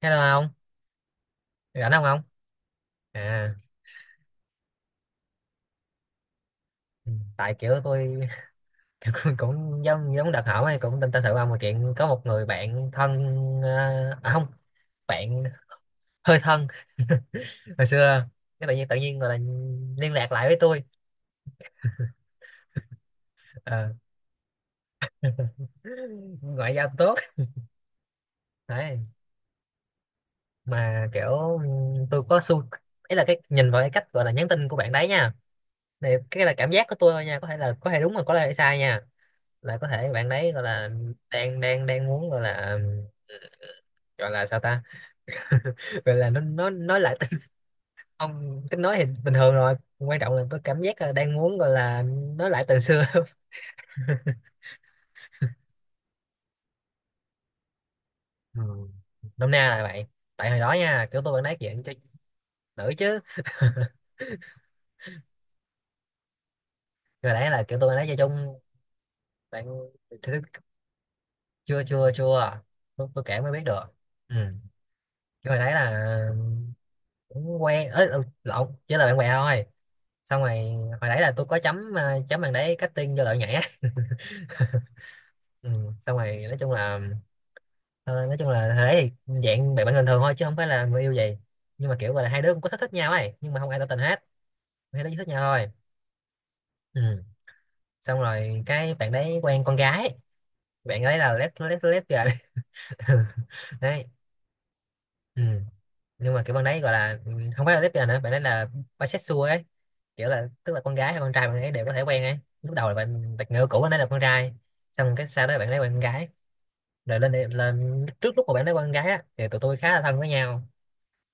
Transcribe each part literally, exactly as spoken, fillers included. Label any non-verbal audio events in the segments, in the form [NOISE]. Hello ông. Rảnh không ông? À, ừ, tại kiểu tôi [LAUGHS] kiểu cũng cũng giống giống đặc hảo ấy, cũng tin tâm sự ông mà chuyện có một người bạn thân. Ờ, à, không. Bạn hơi thân. [LAUGHS] Hồi xưa cái tự nhiên tự nhiên gọi là liên lạc lại với tôi. Ờ, ngoại giao tốt đấy. Mà kiểu tôi có xu, ấy là cái nhìn vào cái cách gọi là nhắn tin của bạn đấy nha. Này cái là cảm giác của tôi thôi nha, có thể là có thể đúng mà có thể sai nha. Là có thể bạn đấy gọi là đang đang đang muốn gọi là ừ, gọi là sao ta. [LAUGHS] Gọi là nó nó nói lại tình- ông cái nói thì bình thường rồi, quan trọng là có cảm giác là đang muốn gọi là nói lại tình xưa. [LAUGHS] Ừ. Nôm na là vậy. Tại hồi đó nha kiểu tôi bạn nói chuyện cho nữ chứ. Hồi đấy là kiểu tôi bạn nói chơi chung bạn thứ- chưa chưa chưa. Tôi, tôi kể mới biết được. Ừ. Cái hồi đấy là cũng quen ấy, lộn chỉ là bạn bè thôi. Xong rồi hồi nãy là tôi có chấm ờ, chấm bằng đấy cutting vô lợi nhảy á. Ừ. Xong rồi nói chung là ờ, nói chung là hồi đấy thì dạng bạn bạn bình thường thôi, chứ không phải là người yêu gì. Nhưng mà kiểu gọi là hai đứa cũng có thích thích nhau ấy, nhưng mà không ai tỏ tình hết. Hai đứa chỉ thích nhau thôi. Ừ. Xong rồi cái bạn đấy quen con gái. Bạn đấy là lép lép lép rồi. [LAUGHS] Đấy. Ừ. Nhưng mà kiểu bạn đấy gọi là ừ, không phải là lép rồi nữa, bạn đấy là bisexual ấy. Kiểu là tức là con gái hay con trai bạn ấy đều có thể quen ấy, lúc đầu là bạn đặt ngựa cũ bạn ấy là con trai. Xong cái sau đó bạn ấy quen con gái. Rồi lên đây- lên trước lúc mà bạn nói con gái á, thì tụi tôi khá là thân với nhau.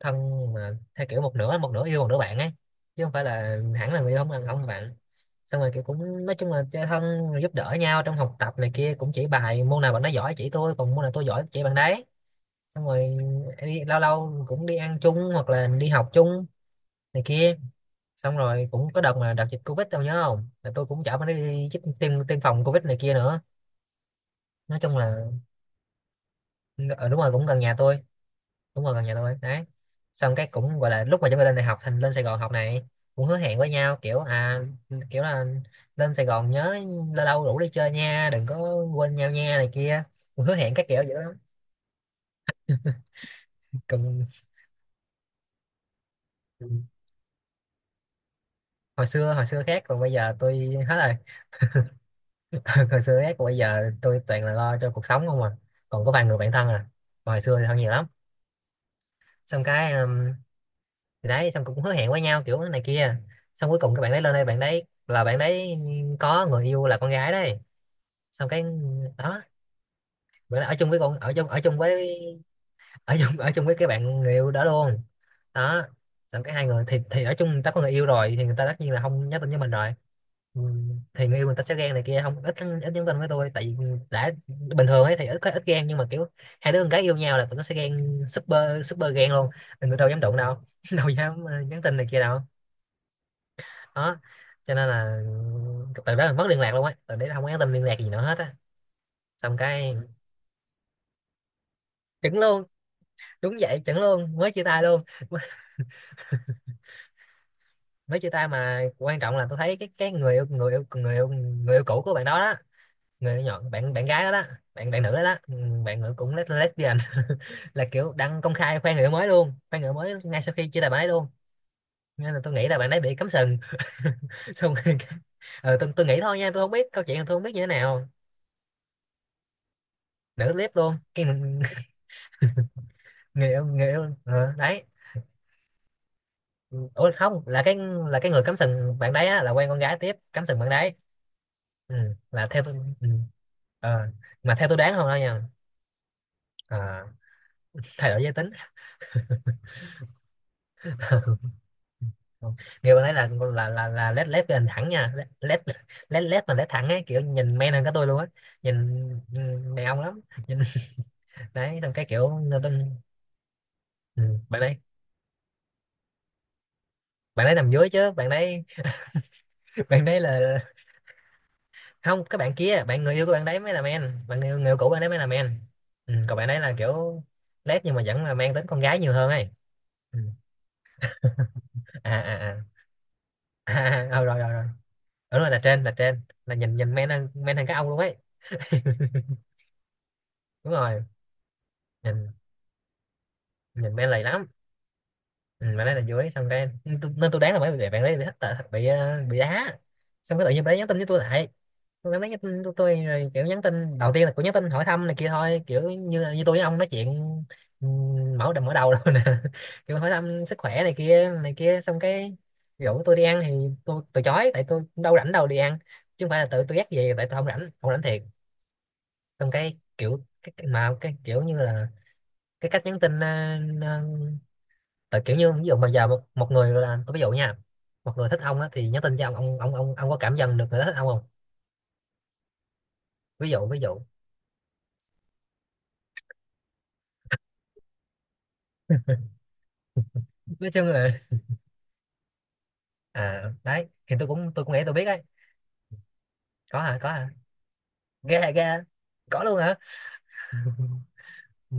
Thân, mà theo kiểu một nửa một nửa yêu một nửa bạn ấy, chứ không phải là hẳn là người yêu, không hẳn không là bạn. Xong rồi kiểu cũng nói chung là chơi thân rồi giúp đỡ nhau trong học tập này kia, cũng chỉ bài môn nào bạn nói giỏi chỉ tôi, còn môn nào tôi giỏi chỉ bạn đấy. Xong rồi đi lâu lâu cũng đi ăn chung hoặc là đi học chung này kia. Xong rồi cũng có đợt mà đợt dịch covid tao nhớ không, là tôi cũng chở bạn ấy đi chích tiêm tiêm phòng covid này kia nữa. Nói chung là ở, đúng rồi cũng gần nhà tôi. Đúng rồi gần nhà tôi đấy. Xong cái cũng gọi là lúc mà chúng ta lên đại học thành lên Sài Gòn học này, cũng hứa hẹn với nhau kiểu à, kiểu là lên Sài Gòn nhớ lâu lâu rủ đi chơi nha, đừng có quên nhau nha này kia, cũng hứa hẹn các kiểu vậy đó. Còn hồi xưa hồi xưa khác, còn bây giờ tôi hết rồi. [LAUGHS] Hồi xưa khác, còn bây giờ tôi toàn là lo cho cuộc sống không à. Còn có vài người bạn thân à. Còn hồi xưa thì thân nhiều lắm. Xong cái um, thì đấy xong cũng hứa hẹn với nhau kiểu này kia. Xong cuối cùng các bạn đấy lên đây, bạn đấy là bạn đấy có người yêu là con gái đấy. Xong cái đó bữa đó ở chung với con ở chung ở chung với ở chung ở chung với cái bạn người yêu đó luôn. Đó. Xong cái hai người thì thì ở chung, người ta có người yêu rồi thì người ta tất nhiên là không nhắn tin với mình rồi. Ừ, thì người yêu người ta sẽ ghen này kia không, ít ít nhắn tin với tôi tại vì đã bình thường ấy thì ít ít ghen, nhưng mà kiểu hai đứa con gái yêu nhau là tụi nó sẽ ghen super super ghen luôn. Người đâu dám đụng đâu. [LAUGHS] Đâu dám ờ, nhắn tin này kia đâu. Đó. Cho nên là từ đó mình mất liên lạc luôn á, từ đấy là không có nhắn tin liên lạc gì nữa hết á. Xong cái chứng luôn. Đúng vậy chuẩn luôn mới chia tay luôn. [LAUGHS] Mới, chia tay mà quan trọng là tôi thấy cái cái người yêu người yêu người yêu người yêu cũ của bạn đó đó. Người yêu nhỏ, bạn bạn gái đó đó. Bạn bạn nữ đó đó ừ, bạn nữ cũng les- lesbian. [LAUGHS] Là kiểu đăng công khai khoe người yêu mới luôn, khoe người yêu mới ngay sau khi chia tay bạn ấy luôn. Nên là tôi nghĩ là bạn ấy bị cắm sừng. [LAUGHS] Xong rồi cái- ờ tôi, tôi nghĩ thôi nha, tôi không biết câu chuyện, tôi không biết như thế nào. Nữ clip luôn cái người yêu người yêu ờ, đấy. Ủa không, là cái là cái người cắm sừng bạn đấy á, là quen con gái tiếp cắm sừng bạn đấy. Ừ. Là theo tôi. Ừ. ờ, mà theo tôi đoán không đâu nha. Ờ, Thay đổi giới tính. [LAUGHS] Không, người bạn ấy là là là là led led lên thẳng nha led led led mà led thẳng ấy, kiểu nhìn men hơn cả tôi luôn á. Nhìn, ừ, đàn ông lắm. Nhìn. [LAUGHS] Đấy xong cái kiểu người ta ừ, bạn đấy bạn đấy nằm dưới chứ bạn đấy. [LAUGHS] Bạn đấy là không, các bạn kia bạn người yêu của bạn đấy mới là men. Bạn người, người yêu cũ bạn đấy mới là men. Ừ, còn bạn đấy là kiểu lét nhưng mà vẫn là mang tính con gái nhiều hơn ấy. Ừ. [LAUGHS] À à à, à, à. Ừ, rồi rồi rồi, đúng rồi là trên là trên là nhìn nhìn men hơn men hơn các ông luôn ấy. Đúng rồi nhìn, nhìn men lầy lắm. ừ, mà nói là dưới xong cái nên tôi, nên tôi đoán là mấy bạn đấy bị hất tệ- bị ờ, bị đá. Xong cái tự nhiên bạn đấy nhắn tin với tôi lại. Tôi cảm nhắn tin của tôi rồi, kiểu nhắn tin đầu tiên là cũng nhắn tin hỏi thăm này kia thôi, kiểu như như tôi với ông nói chuyện. Ừm, mở đầu mở đầu rồi nè. [LAUGHS] Kiểu hỏi thăm sức khỏe này kia này kia xong cái rủ tôi đi ăn thì tôi từ chối, tại tôi cũng đâu rảnh đâu đi ăn. Chứ không phải là tự tôi dắt về, tại tôi không rảnh, không rảnh thiệt. Xong cái kiểu cái, cái mà cái kiểu như là cái cách nhắn tin. ờ, Tại kiểu như ví dụ mà giờ một, một người là tôi ví dụ nha. Một người thích ông á thì nhắn tin cho ông ông ông ông ông có cảm nhận được người đó thích ông không? Ví dụ ví dụ. Nói chung là à đấy thì tôi cũng tôi cũng nghĩ tôi biết đấy. Có hả? Có hả? Ghê hả, ghê hả? Có luôn hả? Ừ,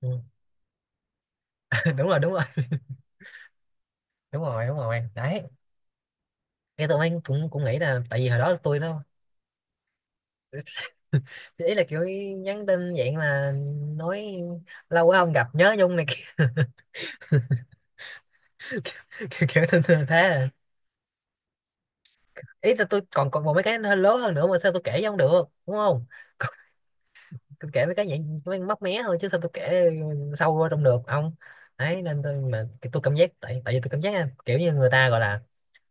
ừ. [LAUGHS] Đúng rồi đúng rồi đúng rồi đúng rồi đấy. Cái tôi mới cũng cũng nghĩ là tại vì hồi đó tôi nó. [LAUGHS] Ý là kiểu nhắn tin dạng là nói lâu quá không gặp nhớ nhung này. [LAUGHS] Kiểu, kiểu, kiểu thế thế à. Ý là tôi còn còn một mấy cái nó lớn hơn nữa mà sao tôi kể với ông được đúng không? [LAUGHS] Tôi kể mấy cái vậy mấy móc mé thôi chứ sao tôi kể sâu vô trong được ông. Ấy nên tôi mà tôi cảm giác tại tại vì tôi cảm giác á, kiểu như người ta gọi là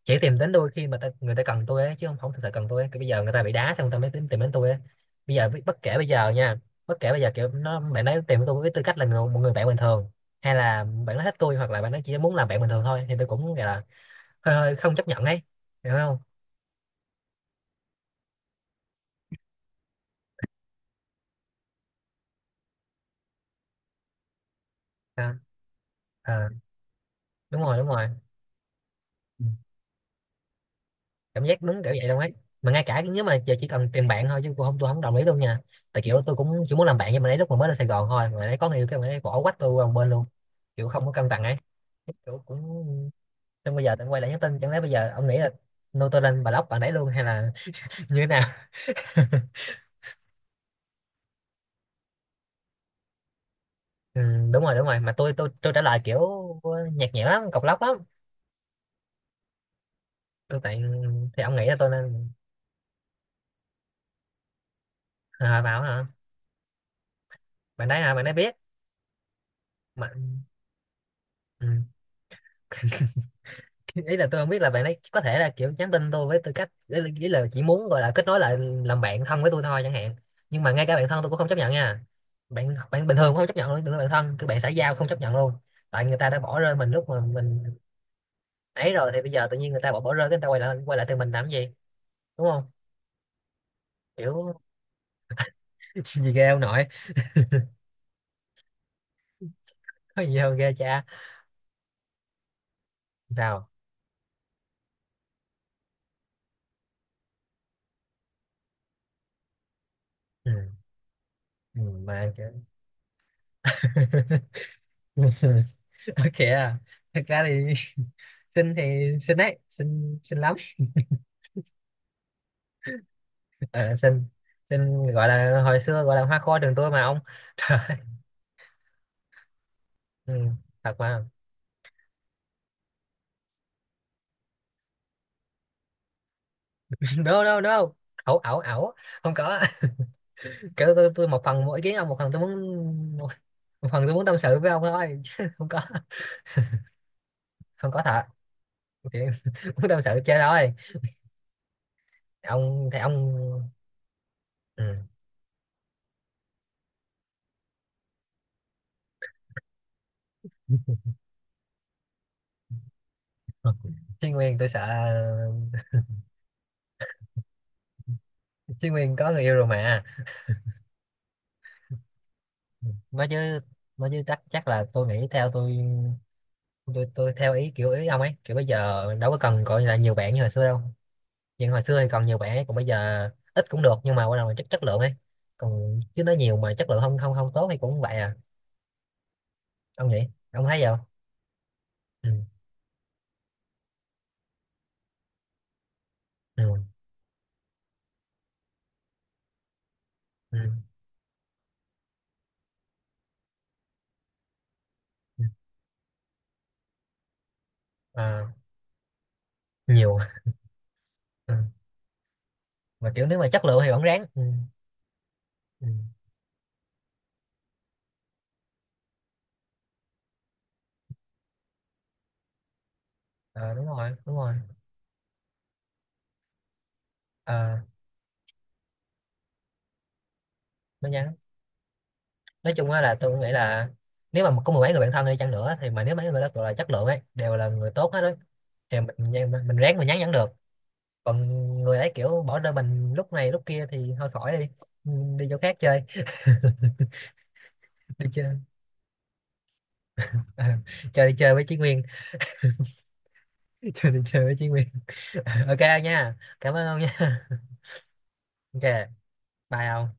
chỉ tìm đến tôi khi mà ta, người ta cần tôi ấy, chứ không không thực sự cần tôi ấy. Cái bây giờ người ta bị đá xong người ta mới tìm, tìm đến tôi ấy. Bây giờ bất kể bây giờ nha, bất kể bây giờ kiểu nó bạn ấy tìm tôi với tư cách là người, một người bạn bình thường, hay là bạn nói hết tôi, hoặc là bạn ấy chỉ muốn làm bạn bình thường thôi thì tôi cũng gọi là hơi hơi không chấp nhận ấy. Hiểu không? À. Ờ. Đúng rồi đúng rồi. Ừ. Cảm giác đúng kiểu vậy đâu ấy. Mà ngay cả nếu mà giờ chỉ cần tìm bạn thôi chứ tôi không tôi không đồng ý luôn nha. Tại kiểu tôi cũng chỉ muốn làm bạn, nhưng mà đấy lúc mà mới lên Sài Gòn thôi mà đấy có người yêu cái mà đấy bỏ quách tôi qua một bên luôn, kiểu không có cân bằng ấy. Kiểu cũng xong bây giờ tôi quay lại nhắn tin, chẳng lẽ bây giờ ông nghĩ là nô tôi lên block bạn đấy luôn, hay là [LAUGHS] như thế nào? Ừ, đúng rồi đúng rồi, mà tôi tôi tôi trả lời kiểu nhạt nhẽo lắm, cộc lóc lắm. Tôi tại thì ông nghĩ là tôi nên. À, bảo hả, bạn đấy hả? Bạn đấy biết mà. Ừ. Ý là tôi không biết là bạn ấy có thể là kiểu nhắn tin tôi với tư cách, ý là ý là chỉ muốn gọi là kết nối lại, làm bạn thân với tôi thôi chẳng hạn. Nhưng mà ngay cả bạn thân tôi cũng không chấp nhận nha. Bạn bạn bình thường cũng không chấp nhận luôn, đừng nói bạn thân, cứ bạn xã giao không chấp nhận luôn. Tại người ta đã bỏ rơi mình lúc mà mình ấy rồi thì bây giờ tự nhiên người ta bỏ bỏ rơi cái người ta quay lại quay lại từ mình làm gì? Đúng không? Kiểu [LAUGHS] gì ghê ông nội. Có gì đâu ghê cha. Sao. Ừ. Ừ, mà kiểu [LAUGHS] ok à, thật ra thì [LAUGHS] xinh thì xinh đấy, xinh xinh lắm. À, xin xin gọi là hồi xưa gọi là hoa khôi trường tôi mà ông. [LAUGHS] Trời ơi, ừ, thật mà. [LAUGHS] No no no, ẩu ẩu ẩu, không có. [LAUGHS] Kiểu tôi tôi một phần mỗi ý kiến ông, một phần tôi muốn, một phần tôi muốn tâm sự với ông thôi. [LAUGHS] Chứ không có, không có thật. Thì [LAUGHS] muốn tâm sự chơi thôi. Ông thì ông. Ừ. Chí Nguyên tôi sợ. Chí Nguyên có người yêu rồi mà. Ừ, mới chứ, mới chứ, chắc chắc là tôi nghĩ theo tôi. Tôi tôi theo ý kiểu ý ông ấy, kiểu bây giờ đâu có cần gọi là nhiều bạn như hồi xưa đâu. Nhưng hồi xưa thì còn nhiều bạn, còn bây giờ ít cũng được, nhưng mà quan trọng là chất chất lượng ấy. Còn chứ nói nhiều mà chất lượng không không không tốt thì cũng vậy à. Ông nghĩ, ông thấy vậy không? Ừ. Ừ. Ừ. Ừ. À, nhiều. [LAUGHS] Ừ. Mà kiểu nếu mà chất lượng thì vẫn ráng ừ. Ừ. Ờ, đúng rồi đúng rồi. Ờ, nó nhắn. Nói chung á là tôi nghĩ là nếu mà có mười mấy người bạn thân đi chăng nữa, thì mà nếu mấy người đó gọi là chất lượng ấy đều là người tốt hết đấy, thì mình, mình, mình ráng mình nhắn nhắn được. Còn người ấy kiểu bỏ rơi mình lúc này lúc kia thì thôi khỏi đi. Ừ, đi chỗ khác chơi. Đi chơi. À, cho đi chơi với Chí Nguyên. [LAUGHS] Cho đi chơi với Chí Nguyên. [LAUGHS] Ok ông nha. Cảm ơn ông nha. Ok. Bye ông.